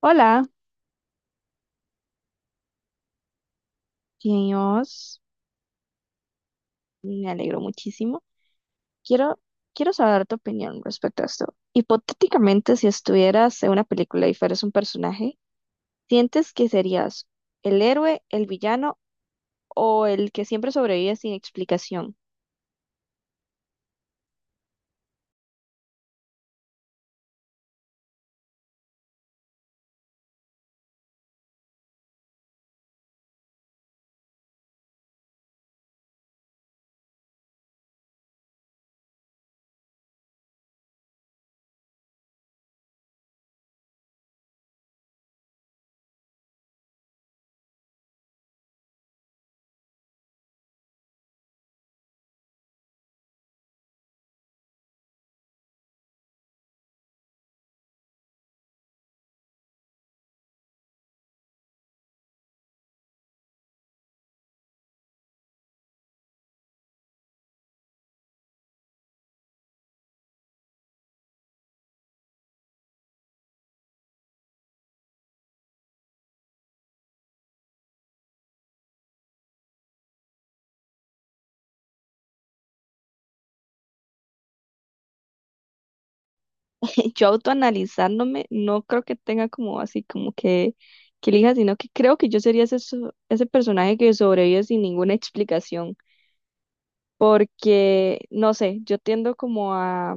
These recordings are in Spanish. Hola, Dios, me alegro muchísimo. Quiero, quiero saber tu opinión respecto a esto. Hipotéticamente, si estuvieras en una película y fueras un personaje, ¿sientes que serías el héroe, el villano o el que siempre sobrevive sin explicación? Yo autoanalizándome, no creo que tenga como así como que elija, sino que creo que yo sería ese personaje que sobrevive sin ninguna explicación. Porque, no sé, yo tiendo como a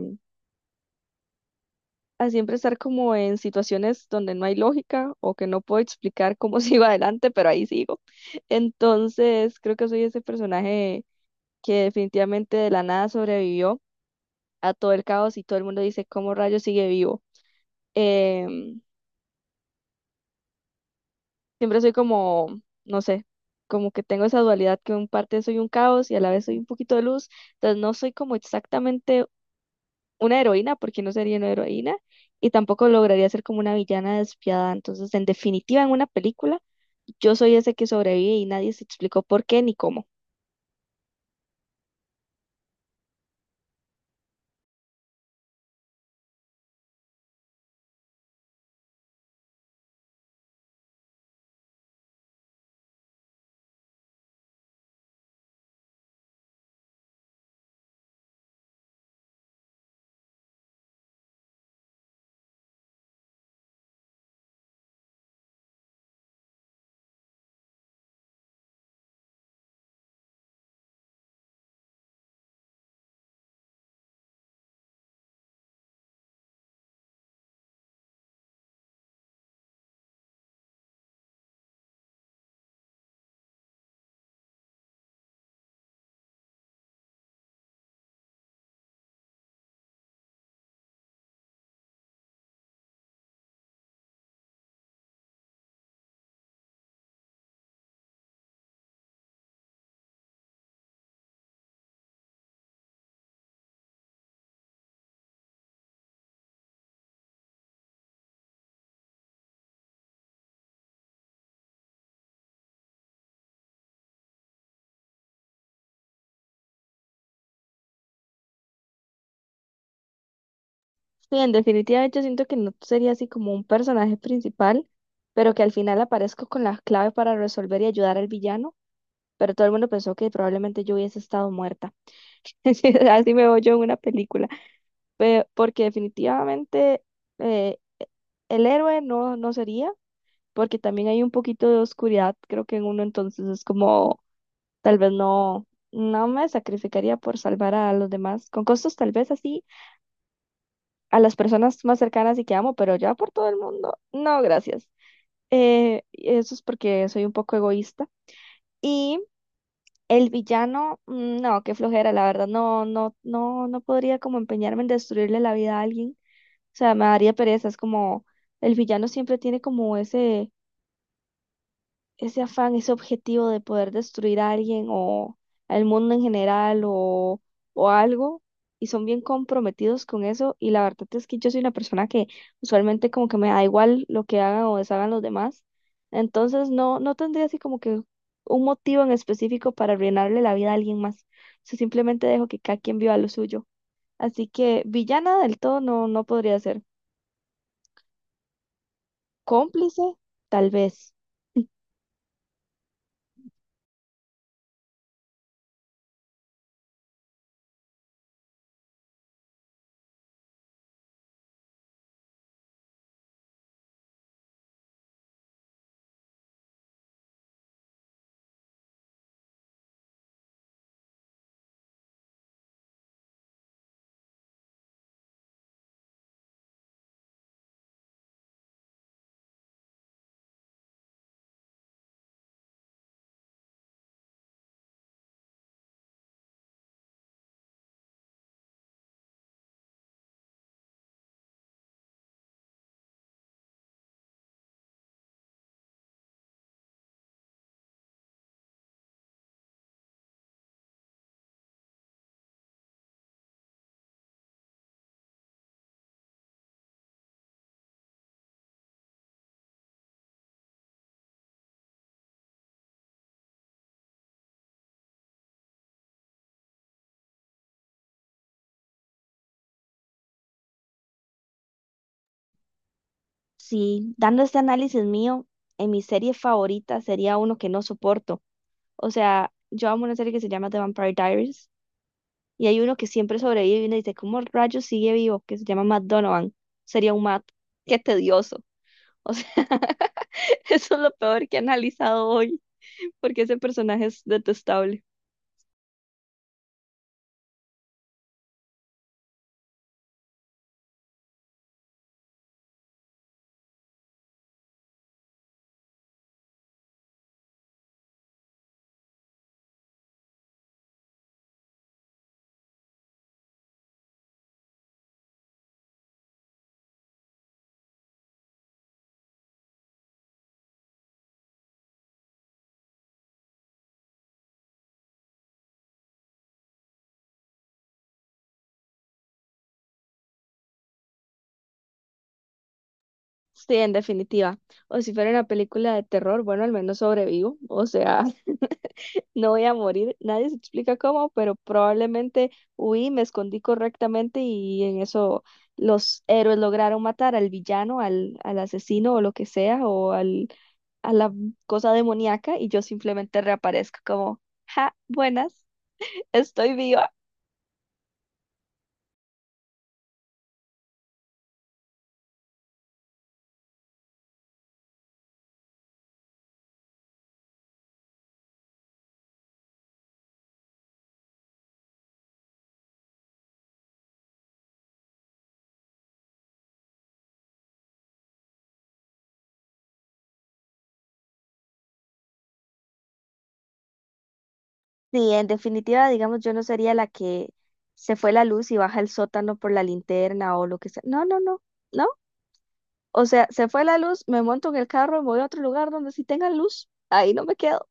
a siempre estar como en situaciones donde no hay lógica o que no puedo explicar cómo sigo adelante, pero ahí sigo. Entonces, creo que soy ese personaje que definitivamente de la nada sobrevivió a todo el caos y todo el mundo dice, ¿cómo rayos sigue vivo? Em, Siempre soy como, no sé, como que tengo esa dualidad que en parte soy un caos y a la vez soy un poquito de luz, entonces no soy como exactamente una heroína, porque no sería una heroína, y tampoco lograría ser como una villana despiadada. Entonces, en definitiva, en una película, yo soy ese que sobrevive y nadie se explicó por qué ni cómo. Sí, en definitiva, yo siento que no sería así como un personaje principal, pero que al final aparezco con la clave para resolver y ayudar al villano, pero todo el mundo pensó que probablemente yo hubiese estado muerta. Así me veo yo en una película, porque definitivamente eh, el héroe no, no sería. Porque también hay un poquito de oscuridad, creo que en uno entonces es como, tal vez no, no me sacrificaría por salvar a los demás, con costos tal vez así, a las personas más cercanas y que amo, pero ya por todo el mundo, no, gracias. Eso es porque soy un poco egoísta. Y el villano, mm, no, qué flojera, la verdad, no, no, no, no podría como empeñarme en destruirle la vida a alguien, o sea, me daría pereza, es como, el villano siempre tiene como ese afán, ese objetivo de poder destruir a alguien o al mundo en general o algo, y son bien comprometidos con eso, y la verdad es que yo soy una persona que usualmente como que me da igual lo que hagan o deshagan los demás, entonces no tendría así como que un motivo en específico para arruinarle la vida a alguien más, o sea, simplemente dejo que cada quien viva lo suyo, así que villana del todo no podría ser, cómplice, tal vez. Sí, dando este análisis mío, en mi serie favorita sería uno que no soporto. O sea, yo amo una serie que se llama The Vampire Diaries y hay uno que siempre sobrevive y uno dice, ¿cómo rayos sigue vivo? Que se llama Matt Donovan. Sería un Matt. Qué tedioso. O sea, eso es lo peor que he analizado hoy porque ese personaje es detestable. Sí, en definitiva. O si fuera una película de terror, bueno, al menos sobrevivo. O sea, no voy a morir. Nadie se explica cómo, pero probablemente huí, me escondí correctamente y en eso los héroes lograron matar al villano, al asesino o lo que sea, a la cosa demoníaca y yo simplemente reaparezco como, ja, buenas, estoy viva. Sí, en definitiva, digamos, yo no sería la que se fue la luz y baja el sótano por la linterna o lo que sea. No, no, no. No, o sea, se fue la luz, me monto en el carro, me voy a otro lugar donde sí tenga luz, ahí no me quedo.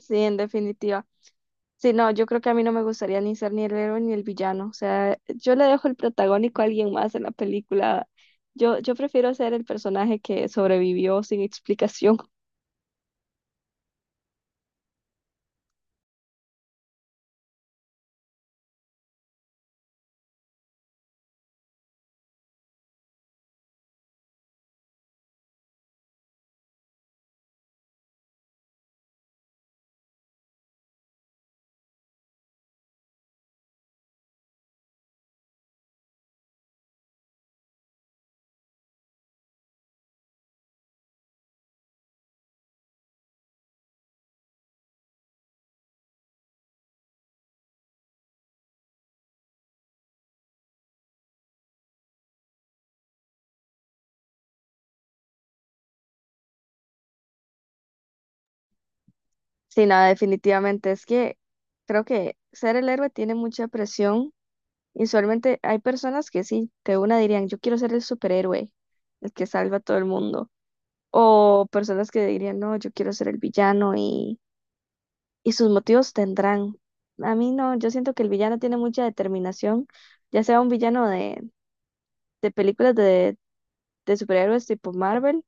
Sí, en definitiva. Sí, no, yo creo que a mí no me gustaría ni ser ni el héroe ni el villano. O sea, yo le dejo el protagónico a alguien más en la película. Yo prefiero ser el personaje que sobrevivió sin explicación. Sí, nada, definitivamente. Es que creo que ser el héroe tiene mucha presión. Y usualmente hay personas que sí, de una dirían, yo quiero ser el superhéroe, el que salva a todo el mundo. O personas que dirían, no, yo quiero ser el y sus motivos tendrán. A mí no, yo siento que el villano tiene mucha determinación, ya sea un villano de películas de superhéroes tipo Marvel,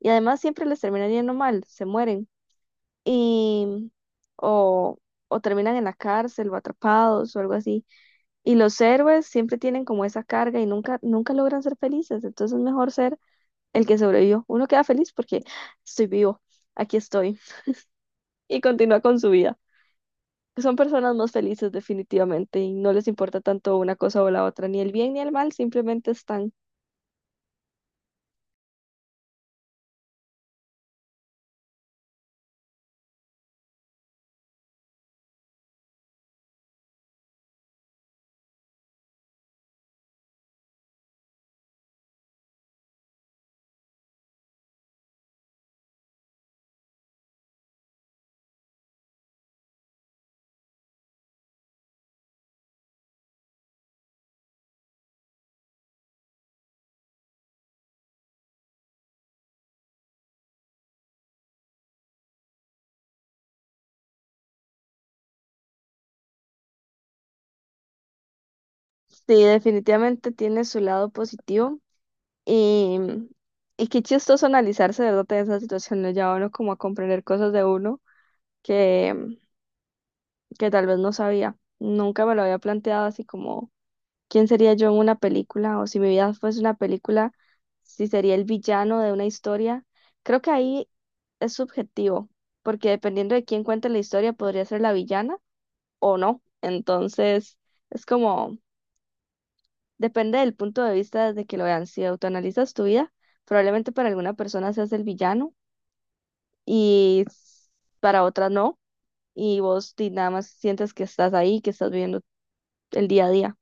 y además siempre les termina yendo mal, se mueren. Y, o, o terminan en la cárcel o atrapados o algo así. Y los héroes siempre tienen como esa carga y nunca, nunca logran ser felices. Entonces es mejor ser el que sobrevivió. Uno queda feliz porque estoy vivo, aquí estoy, y continúa con su vida. Son personas más felices definitivamente y no les importa tanto una cosa o la otra, ni el bien ni el mal, simplemente están. Sí, definitivamente tiene su lado positivo y, y qué chistoso analizarse, de ¿verdad? En esa situación ya lleva uno como a comprender cosas de uno que, que tal vez no sabía. Nunca me lo había planteado así como ¿quién sería yo en una película? O si mi vida fuese una película, si sería el villano de una historia. Creo que ahí es subjetivo, porque dependiendo de quién cuente la historia, podría ser la villana o no. Entonces, es como, depende del punto de vista desde que lo vean. Si autoanalizas tu vida, probablemente para alguna persona seas el villano y s- para otra no. Y vos di, nada más sientes que estás ahí, que estás viviendo el día a día.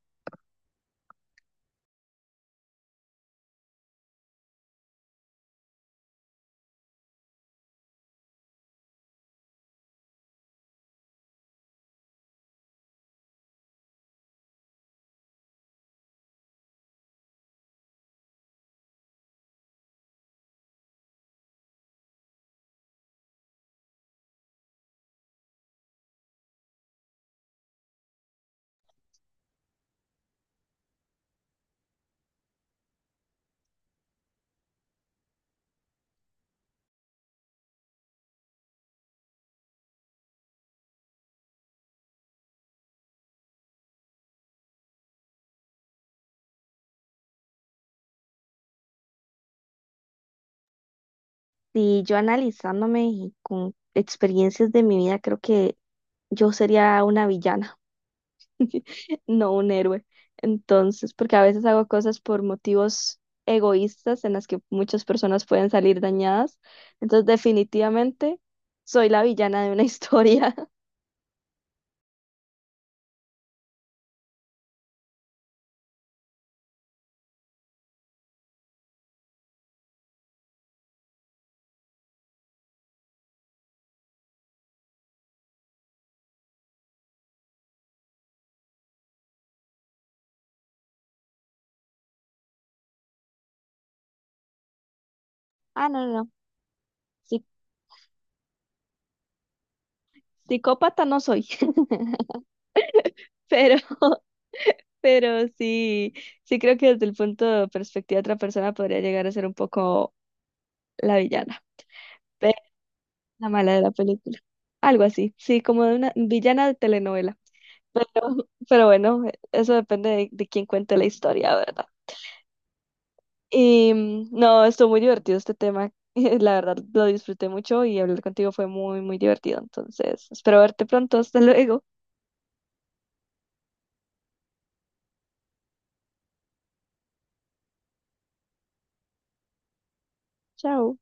Y yo analizándome y con experiencias de mi vida, creo que yo sería una villana, no un héroe. Entonces, porque a veces hago cosas por motivos egoístas en las que muchas personas pueden salir dañadas. Entonces, definitivamente soy la villana de una historia. Ah, no, no. No. Sí, psicópata no soy, pero, pero sí, sí creo que desde el punto de perspectiva de otra persona podría llegar a ser un poco la villana, pero la mala de la película. Algo así, sí, como de una villana de telenovela. Pero bueno, eso depende de quién cuente la historia, ¿verdad? Y mm, no, estuvo muy divertido este tema. La verdad, lo disfruté mucho y hablar contigo fue muy divertido. Entonces, espero verte pronto. Hasta luego. Chao.